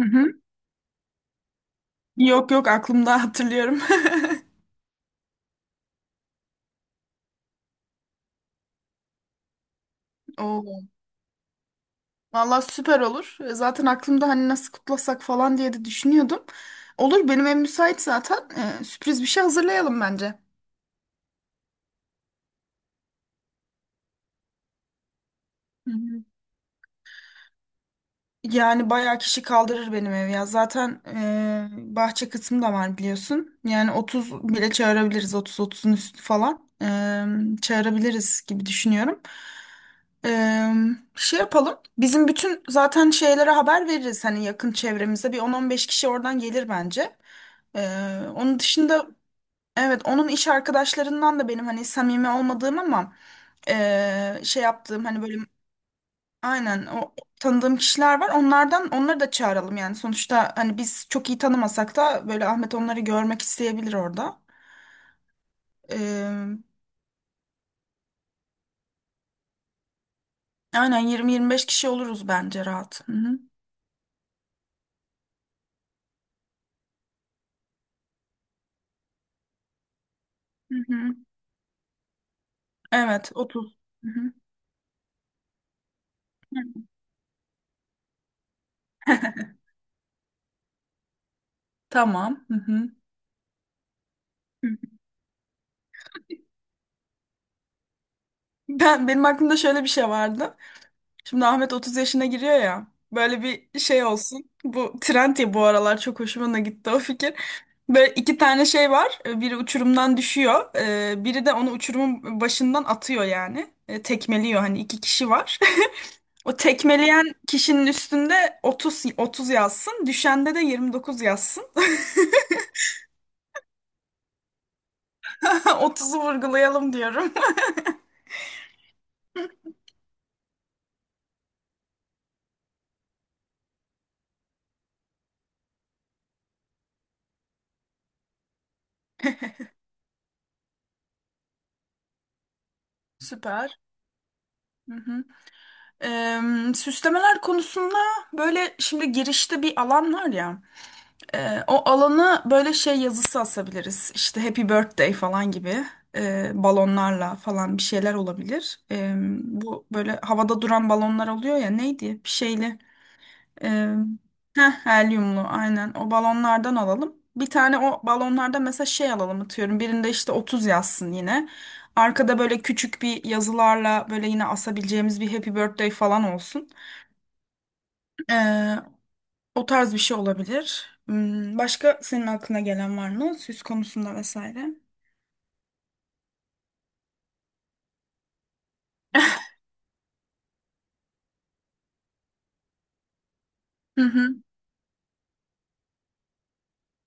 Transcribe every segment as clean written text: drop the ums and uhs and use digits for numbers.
Hı hı. Yok yok aklımda hatırlıyorum. Oo. Valla süper olur. Zaten aklımda hani nasıl kutlasak falan diye de düşünüyordum. Olur benim ev müsait zaten. Sürpriz bir şey hazırlayalım bence. Hı hı. Yani bayağı kişi kaldırır benim ev ya. Zaten bahçe kısmı da var biliyorsun. Yani 30 bile çağırabiliriz. 30-30'un üstü falan. Çağırabiliriz gibi düşünüyorum. Eee, şey yapalım. Bizim bütün zaten şeylere haber veririz. Hani yakın çevremize bir 10-15 kişi oradan gelir bence. Onun dışında, evet, onun iş arkadaşlarından da benim hani samimi olmadığım ama şey yaptığım hani böyle aynen o tanıdığım kişiler var. Onlardan onları da çağıralım yani. Sonuçta hani biz çok iyi tanımasak da böyle Ahmet onları görmek isteyebilir orada. Eee, aynen, 20-25 kişi oluruz bence rahat. Hı hı. Hı hı. Evet, 30. Hı hı. Tamam. Hı hı. Benim aklımda şöyle bir şey vardı. Şimdi Ahmet 30 yaşına giriyor ya. Böyle bir şey olsun. Bu trend ya bu aralar çok hoşuma da gitti o fikir. Böyle iki tane şey var. Biri uçurumdan düşüyor. Biri de onu uçurumun başından atıyor yani. Tekmeliyor hani iki kişi var. O tekmeleyen kişinin üstünde 30 30 yazsın. Düşende de 29 yazsın. 30'u vurgulayalım diyorum. Süper. Hı hı. Eee, süslemeler konusunda böyle şimdi girişte bir alan var ya. O alana böyle şey yazısı asabiliriz. İşte Happy Birthday falan gibi balonlarla falan bir şeyler olabilir. Bu böyle havada duran balonlar oluyor ya neydi? Bir şeyli. eee helyumlu aynen o balonlardan alalım. Bir tane o balonlarda mesela şey alalım atıyorum. Birinde işte 30 yazsın yine. Arkada böyle küçük bir yazılarla böyle yine asabileceğimiz bir Happy Birthday falan olsun. Ee, o tarz bir şey olabilir. Başka senin aklına gelen var mı? Süs konusunda vesaire. Hı hı,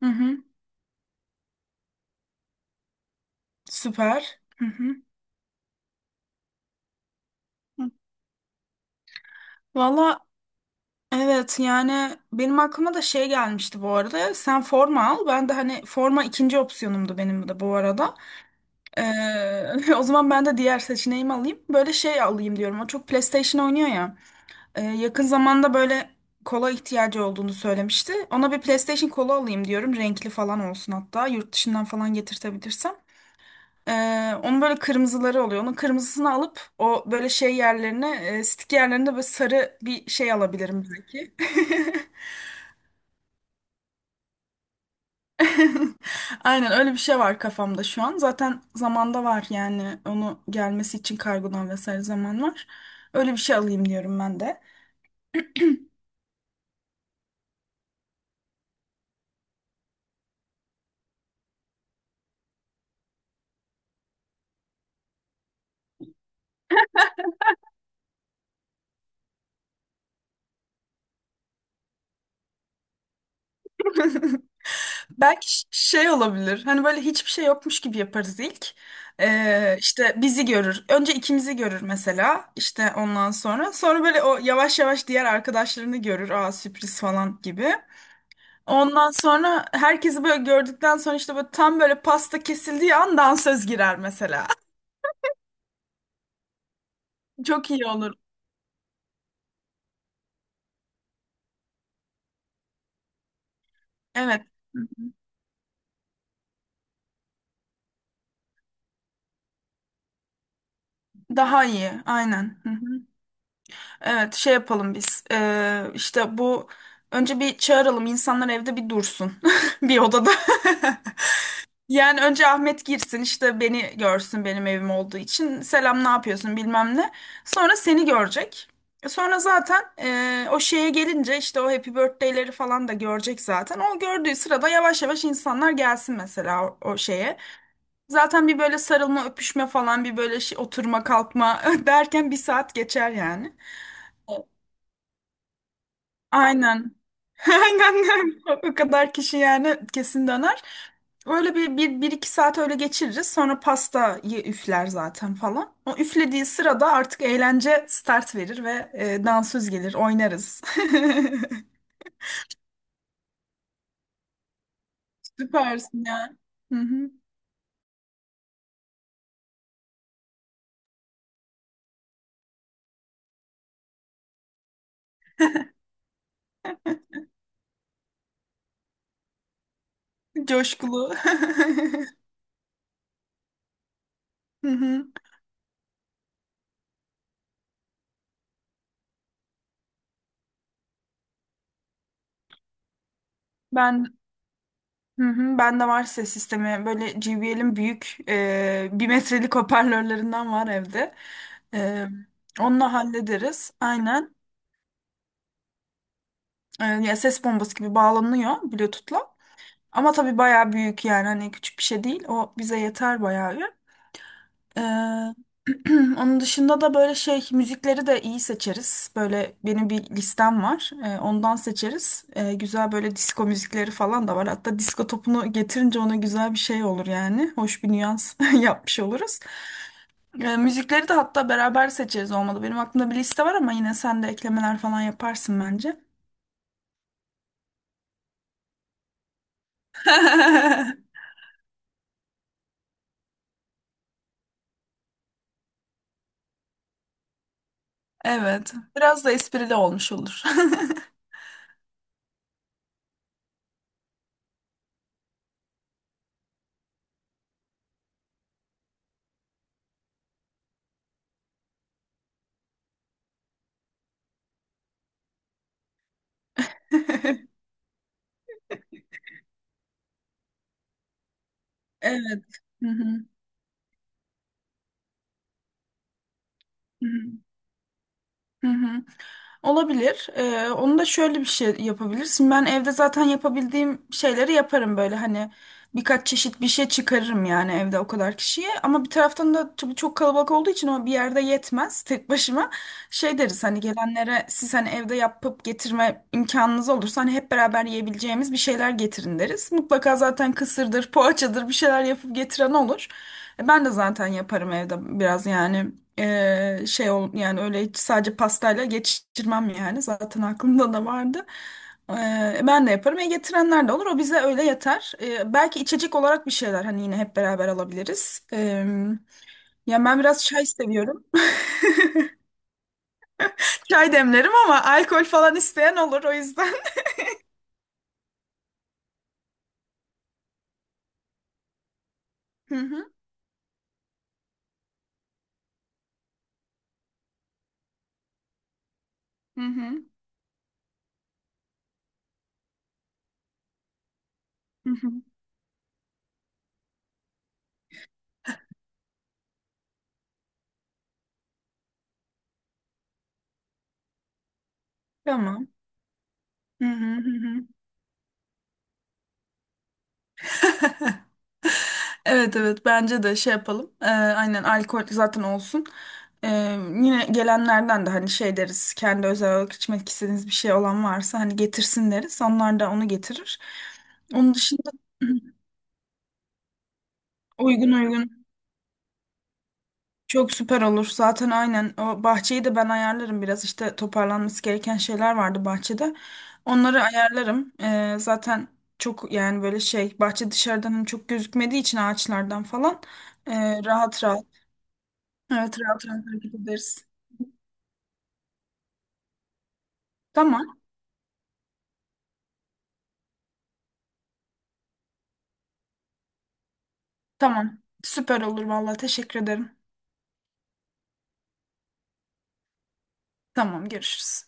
hı hı. Süper. Hı hı. Valla, evet, yani benim aklıma da şey gelmişti bu arada. Sen forma al. Ben de hani forma ikinci opsiyonumdu benim de bu arada. O zaman ben de diğer seçeneğimi alayım. Böyle şey alayım diyorum. O çok PlayStation oynuyor ya. Yakın zamanda böyle kola ihtiyacı olduğunu söylemişti. Ona bir PlayStation kola alayım diyorum. Renkli falan olsun hatta. Yurt dışından falan getirtebilirsem. Onun böyle kırmızıları oluyor. Onun kırmızısını alıp o böyle şey yerlerine, stick yerlerinde böyle sarı bir şey alabilirim belki. Aynen öyle bir şey var kafamda şu an. Zaten zamanda var yani onu gelmesi için kargodan vesaire zaman var. Öyle bir şey alayım diyorum ben de. Belki şey olabilir. Hani böyle hiçbir şey yokmuş gibi yaparız ilk. İşte bizi görür. Önce ikimizi görür mesela. İşte ondan sonra. Sonra böyle o yavaş yavaş diğer arkadaşlarını görür. Aa, sürpriz falan gibi. Ondan sonra herkesi böyle gördükten sonra işte böyle tam böyle pasta kesildiği an dansöz girer mesela. Çok iyi olur. Evet. Daha iyi. Aynen. Hı hı. Evet, şey yapalım biz. İşte bu, önce bir çağıralım, insanlar evde bir dursun. Bir odada. Yani önce Ahmet girsin işte beni görsün benim evim olduğu için. Selam ne yapıyorsun bilmem ne. Sonra seni görecek. Sonra zaten o şeye gelince işte o Happy Birthday'leri falan da görecek zaten. O gördüğü sırada yavaş yavaş insanlar gelsin mesela o şeye. Zaten bir böyle sarılma öpüşme falan bir böyle şey, oturma kalkma derken bir saat geçer yani. Evet. Aynen. Aynen o kadar kişi yani kesin döner. Öyle bir iki saat öyle geçiririz. Sonra pastayı üfler zaten falan. O üflediği sırada artık eğlence start verir ve dansöz gelir, oynarız. Süpersin ya. Hı hı. Coşkulu. Hı hı. Ben hı hı. Ben de var ses sistemi. Böyle JBL'in büyük bir metrelik hoparlörlerinden var evde. E, onunla hallederiz. Aynen. Ya ses bombası gibi bağlanıyor Bluetooth'la. Ama tabii bayağı büyük yani hani küçük bir şey değil. O bize yeter bayağı bir. E, Onun dışında da böyle şey müzikleri de iyi seçeriz. Böyle benim bir listem var. Ondan seçeriz. Güzel böyle disco müzikleri falan da var. Hatta disco topunu getirince ona güzel bir şey olur yani. Hoş bir nüans yapmış oluruz. Müzikleri de hatta beraber seçeriz olmadı. Benim aklımda bir liste var ama yine sen de eklemeler falan yaparsın bence. Evet. Biraz da esprili olmuş olur. Evet. Hı hı. Hı hı. Hı hı. Olabilir. Onu da şöyle bir şey yapabilirsin. Ben evde zaten yapabildiğim şeyleri yaparım böyle hani birkaç çeşit bir şey çıkarırım yani evde o kadar kişiye. Ama bir taraftan da tabii çok kalabalık olduğu için o bir yerde yetmez tek başıma. Şey deriz hani gelenlere siz hani evde yapıp getirme imkanınız olursa hani hep beraber yiyebileceğimiz bir şeyler getirin deriz. Mutlaka zaten kısırdır, poğaçadır bir şeyler yapıp getiren olur. Ben de zaten yaparım evde biraz yani şey ol yani öyle hiç sadece pastayla geçirmem yani zaten aklımda da vardı. E, ben de yaparım. Getirenler de olur. O bize öyle yeter. Belki içecek olarak bir şeyler hani yine hep beraber alabiliriz. Ya ben biraz çay seviyorum. Çay demlerim ama alkol falan isteyen olur o yüzden. Hı hı. Hı hı. Hı hı. Tamam. Hı hı. Hı hı. Evet, evet, bence de şey yapalım. Aynen alkol zaten olsun. Ee, yine gelenlerden de hani şey deriz. Kendi özel olarak içmek istediğiniz bir şey olan varsa hani getirsin deriz. Onlar da onu getirir. Onun dışında uygun uygun çok süper olur. Zaten aynen o bahçeyi de ben ayarlarım biraz. İşte toparlanması gereken şeyler vardı bahçede. Onları ayarlarım. Zaten çok yani böyle şey bahçe dışarıdan hani çok gözükmediği için ağaçlardan falan rahat rahat. Evet, rahat rahat hareket ederiz. Tamam. Tamam. Süper olur vallahi, teşekkür ederim. Tamam, görüşürüz.